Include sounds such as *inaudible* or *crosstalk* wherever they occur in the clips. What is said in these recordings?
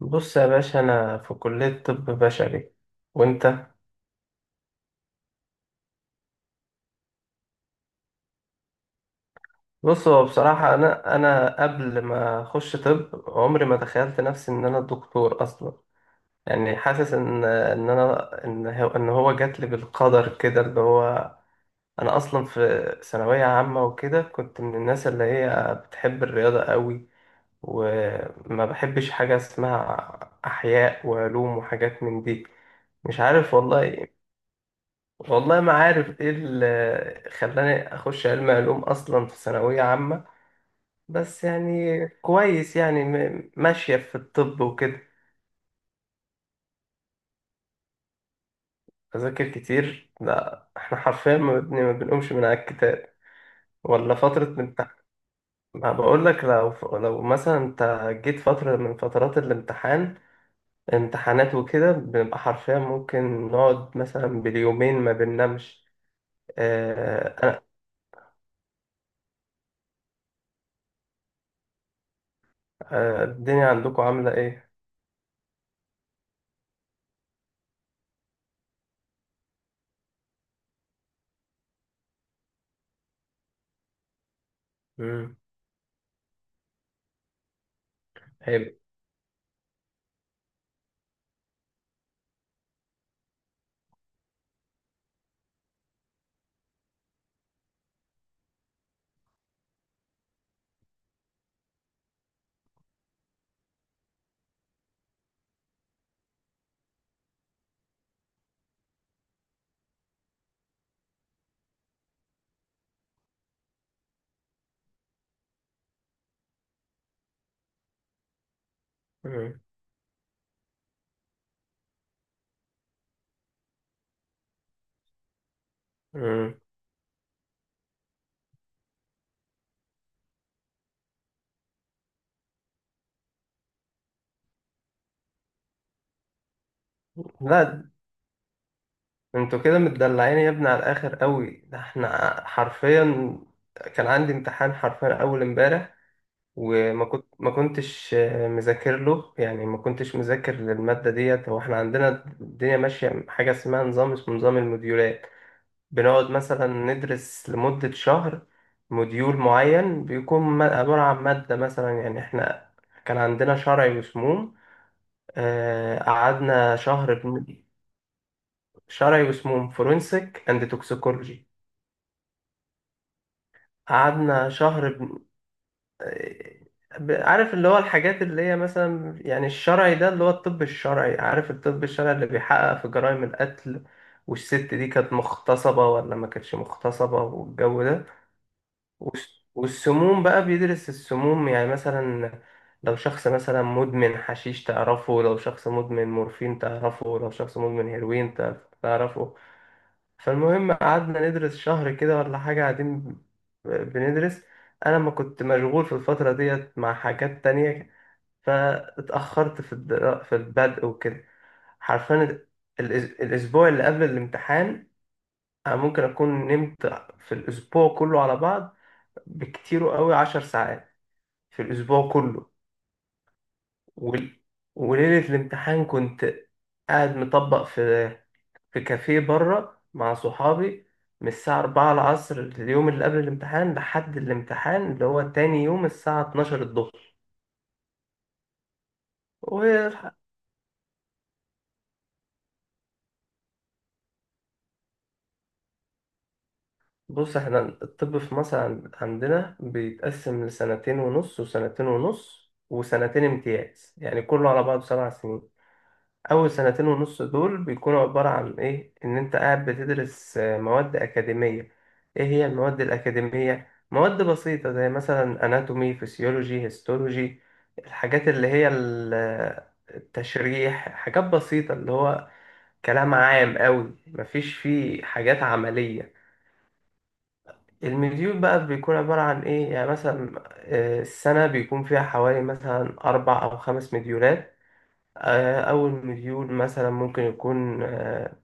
بص يا باشا، انا في كلية طب بشري. وانت؟ بص، هو بصراحة انا قبل ما اخش طب عمري ما تخيلت نفسي ان انا دكتور اصلا. يعني حاسس ان هو جات لي بالقدر كده اللي هو انا اصلا في ثانوية عامة وكده، كنت من الناس اللي هي بتحب الرياضة قوي، وما بحبش حاجة اسمها احياء وعلوم وحاجات من دي. مش عارف والله. والله ما عارف ايه اللي خلاني اخش علم علوم اصلا في ثانوية عامة. بس يعني كويس، يعني ماشية في الطب وكده. اذاكر كتير؟ لا، احنا حرفيا ما بنقومش من على الكتاب ولا فترة امتحان. ما بقول لك، لو لو مثلا انت جيت فترة من فترات الامتحان، امتحانات وكده، بنبقى حرفيا ممكن نقعد مثلا باليومين ما بننامش. آه. آه، الدنيا عندكم عاملة ايه؟ مم. حلو. مم. مم. لا، انتوا كده متدلعين يا ابني على الاخر قوي. ده احنا حرفيا كان عندي امتحان حرفيا اول امبارح، وما كنتش مذاكر له. يعني ما كنتش مذاكر للماده ديت. هو احنا عندنا الدنيا ماشيه حاجه اسمها نظام، اسمه نظام الموديولات. بنقعد مثلا ندرس لمده شهر. موديول معين بيكون عباره عن ماده مثلا. يعني احنا كان عندنا شرعي وسموم. آه، قعدنا شهر. شرعي واسمهم فورنسيك اند توكسيكولوجي. قعدنا شهر آه. عارف اللي هو الحاجات اللي هي مثلا، يعني الشرعي ده اللي هو الطب الشرعي. عارف الطب الشرعي اللي بيحقق في جرائم القتل، والست دي كانت مغتصبة ولا ما كانتش مغتصبة والجو ده. والسموم بقى بيدرس السموم، يعني مثلا لو شخص مثلا مدمن حشيش تعرفه، لو شخص مدمن مورفين تعرفه، لو شخص مدمن هيروين تعرفه. فالمهم قعدنا ندرس شهر كده ولا حاجة، قاعدين بندرس. أنا ما كنت مشغول في الفترة ديت مع حاجات تانية، فاتأخرت في في البدء وكده حرفيا. الأسبوع اللي قبل الامتحان أنا ممكن أكون نمت في الأسبوع كله على بعض بكتير قوي 10 ساعات في الأسبوع كله. وال... وليلة الامتحان كنت قاعد مطبق في كافيه بره مع صحابي، من الساعة 4 العصر اليوم اللي قبل الامتحان لحد الامتحان اللي هو تاني يوم الساعة 12 الظهر. والح- بص احنا الطب في مصر عندنا بيتقسم لسنتين ونص، وسنتين ونص، وسنتين امتياز، يعني كله على بعضه 7 سنين. أول سنتين ونص دول بيكونوا عبارة عن إيه؟ إن أنت قاعد بتدرس مواد أكاديمية. إيه هي المواد الأكاديمية؟ مواد بسيطة زي مثلا أناتومي، فسيولوجي، هيستولوجي، الحاجات اللي هي التشريح، حاجات بسيطة اللي هو كلام عام أوي، مفيش فيه حاجات عملية. المديول بقى بيكون عبارة عن إيه؟ يعني مثلا السنة بيكون فيها حوالي مثلا أربع أو خمس مديولات. أول مديول مثلا ممكن يكون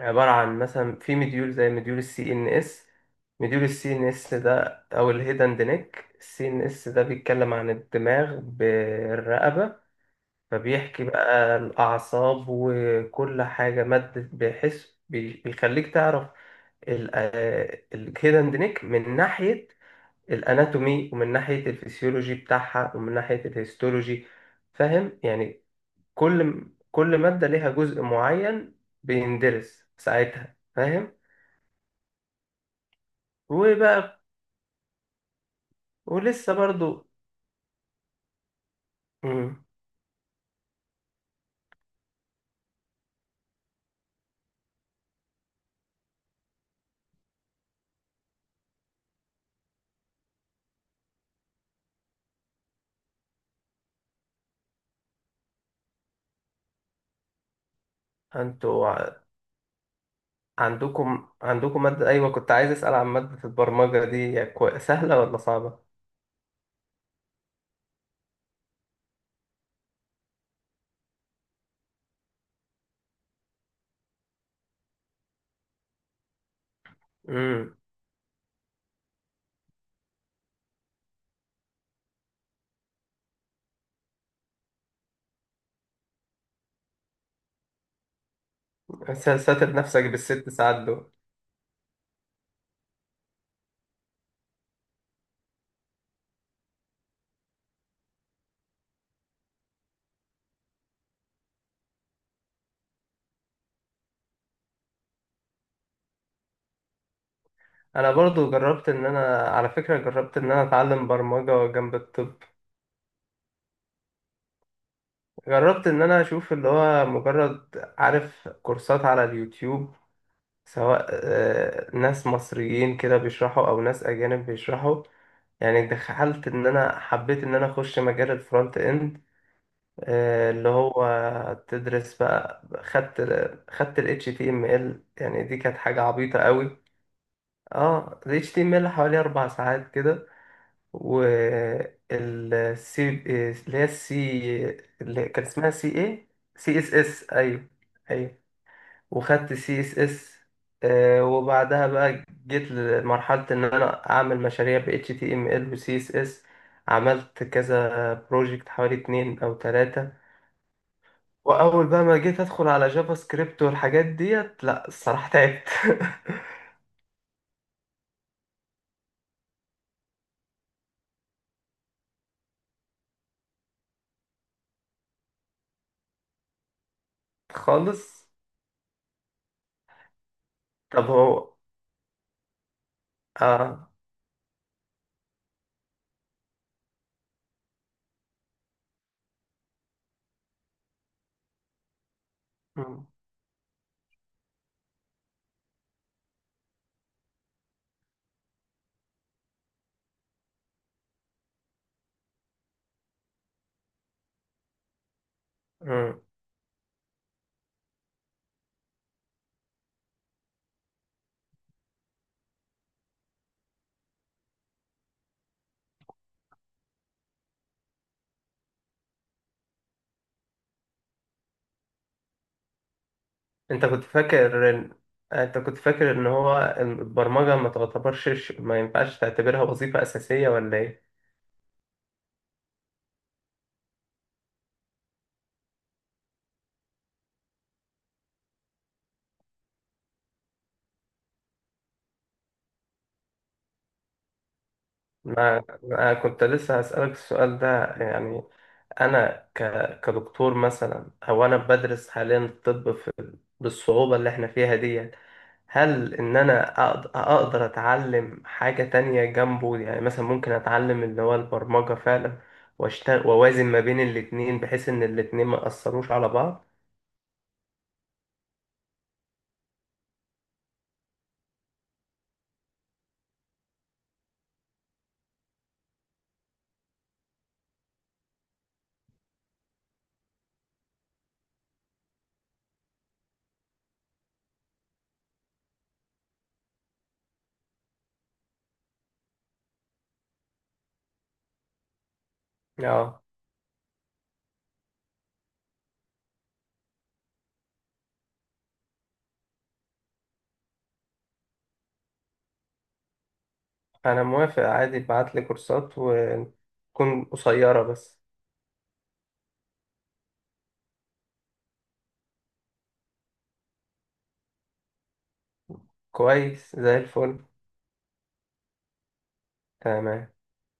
عبارة عن مثلا في مديول زي مديول السي ان اس. مديول السي ان اس ده او الهيدن نيك السي ان اس ده بيتكلم عن الدماغ بالرقبة. فبيحكي بقى الأعصاب وكل حاجة مادة، بحس بيخليك تعرف الهيدن نيك من ناحية الاناتومي ومن ناحية الفسيولوجي بتاعها ومن ناحية الهيستولوجي. فاهم يعني؟ كل كل مادة ليها جزء معين بيندرس ساعتها، فاهم؟ وبقى ولسه برضو. مم. انتوا عندكم مادة، أيوة كنت عايز أسأل عن مادة البرمجة دي، هي سهلة ولا صعبة؟ امم. ساتر نفسك بالست ساعات دول. أنا برضو جربت، إن أنا على فكرة جربت إن أنا أتعلم برمجة جنب الطب، جربت إن أنا أشوف اللي هو مجرد، عارف، كورسات على اليوتيوب، سواء ناس مصريين كده بيشرحوا او ناس اجانب بيشرحوا. يعني دخلت ان انا حبيت ان انا اخش مجال الفرونت اند، اللي هو تدرس بقى، خدت ال HTML. يعني دي كانت حاجة عبيطة قوي. اه ال HTML حوالي 4 ساعات كده. والسي، اللي هي السي، اللي كان اسمها سي ايه، سي اس اس. ايوه. ايوه. وخدت سي اس اس. وبعدها بقى جيت لمرحلة ان انا اعمل مشاريع ب HTML و CSS. عملت كذا بروجكت، حوالي اتنين او تلاتة. واول بقى ما جيت ادخل على جافا سكريبت والحاجات ديت، لا الصراحة تعبت. *laughs* خالص. طب هو. اه. مم. مم. انت كنت فاكر ان انت كنت فاكر ان هو البرمجة ما تعتبرش، ما ينفعش تعتبرها وظيفة اساسية ولا ايه؟ ما أنا كنت لسه هسألك السؤال ده يعني. أنا ك... كدكتور مثلا، أو أنا بدرس حاليا الطب بالصعوبة اللي إحنا فيها دي. هل إن أنا أقدر أتعلم حاجة تانية جنبه، يعني مثلا ممكن أتعلم اللي هو البرمجة فعلا، وأشتغل وأوازن ما بين الاتنين بحيث إن الاتنين ما يأثروش على بعض. أه. أنا موافق، عادي ابعتلي كورسات وتكون قصيرة بس. كويس زي الفل. تمام.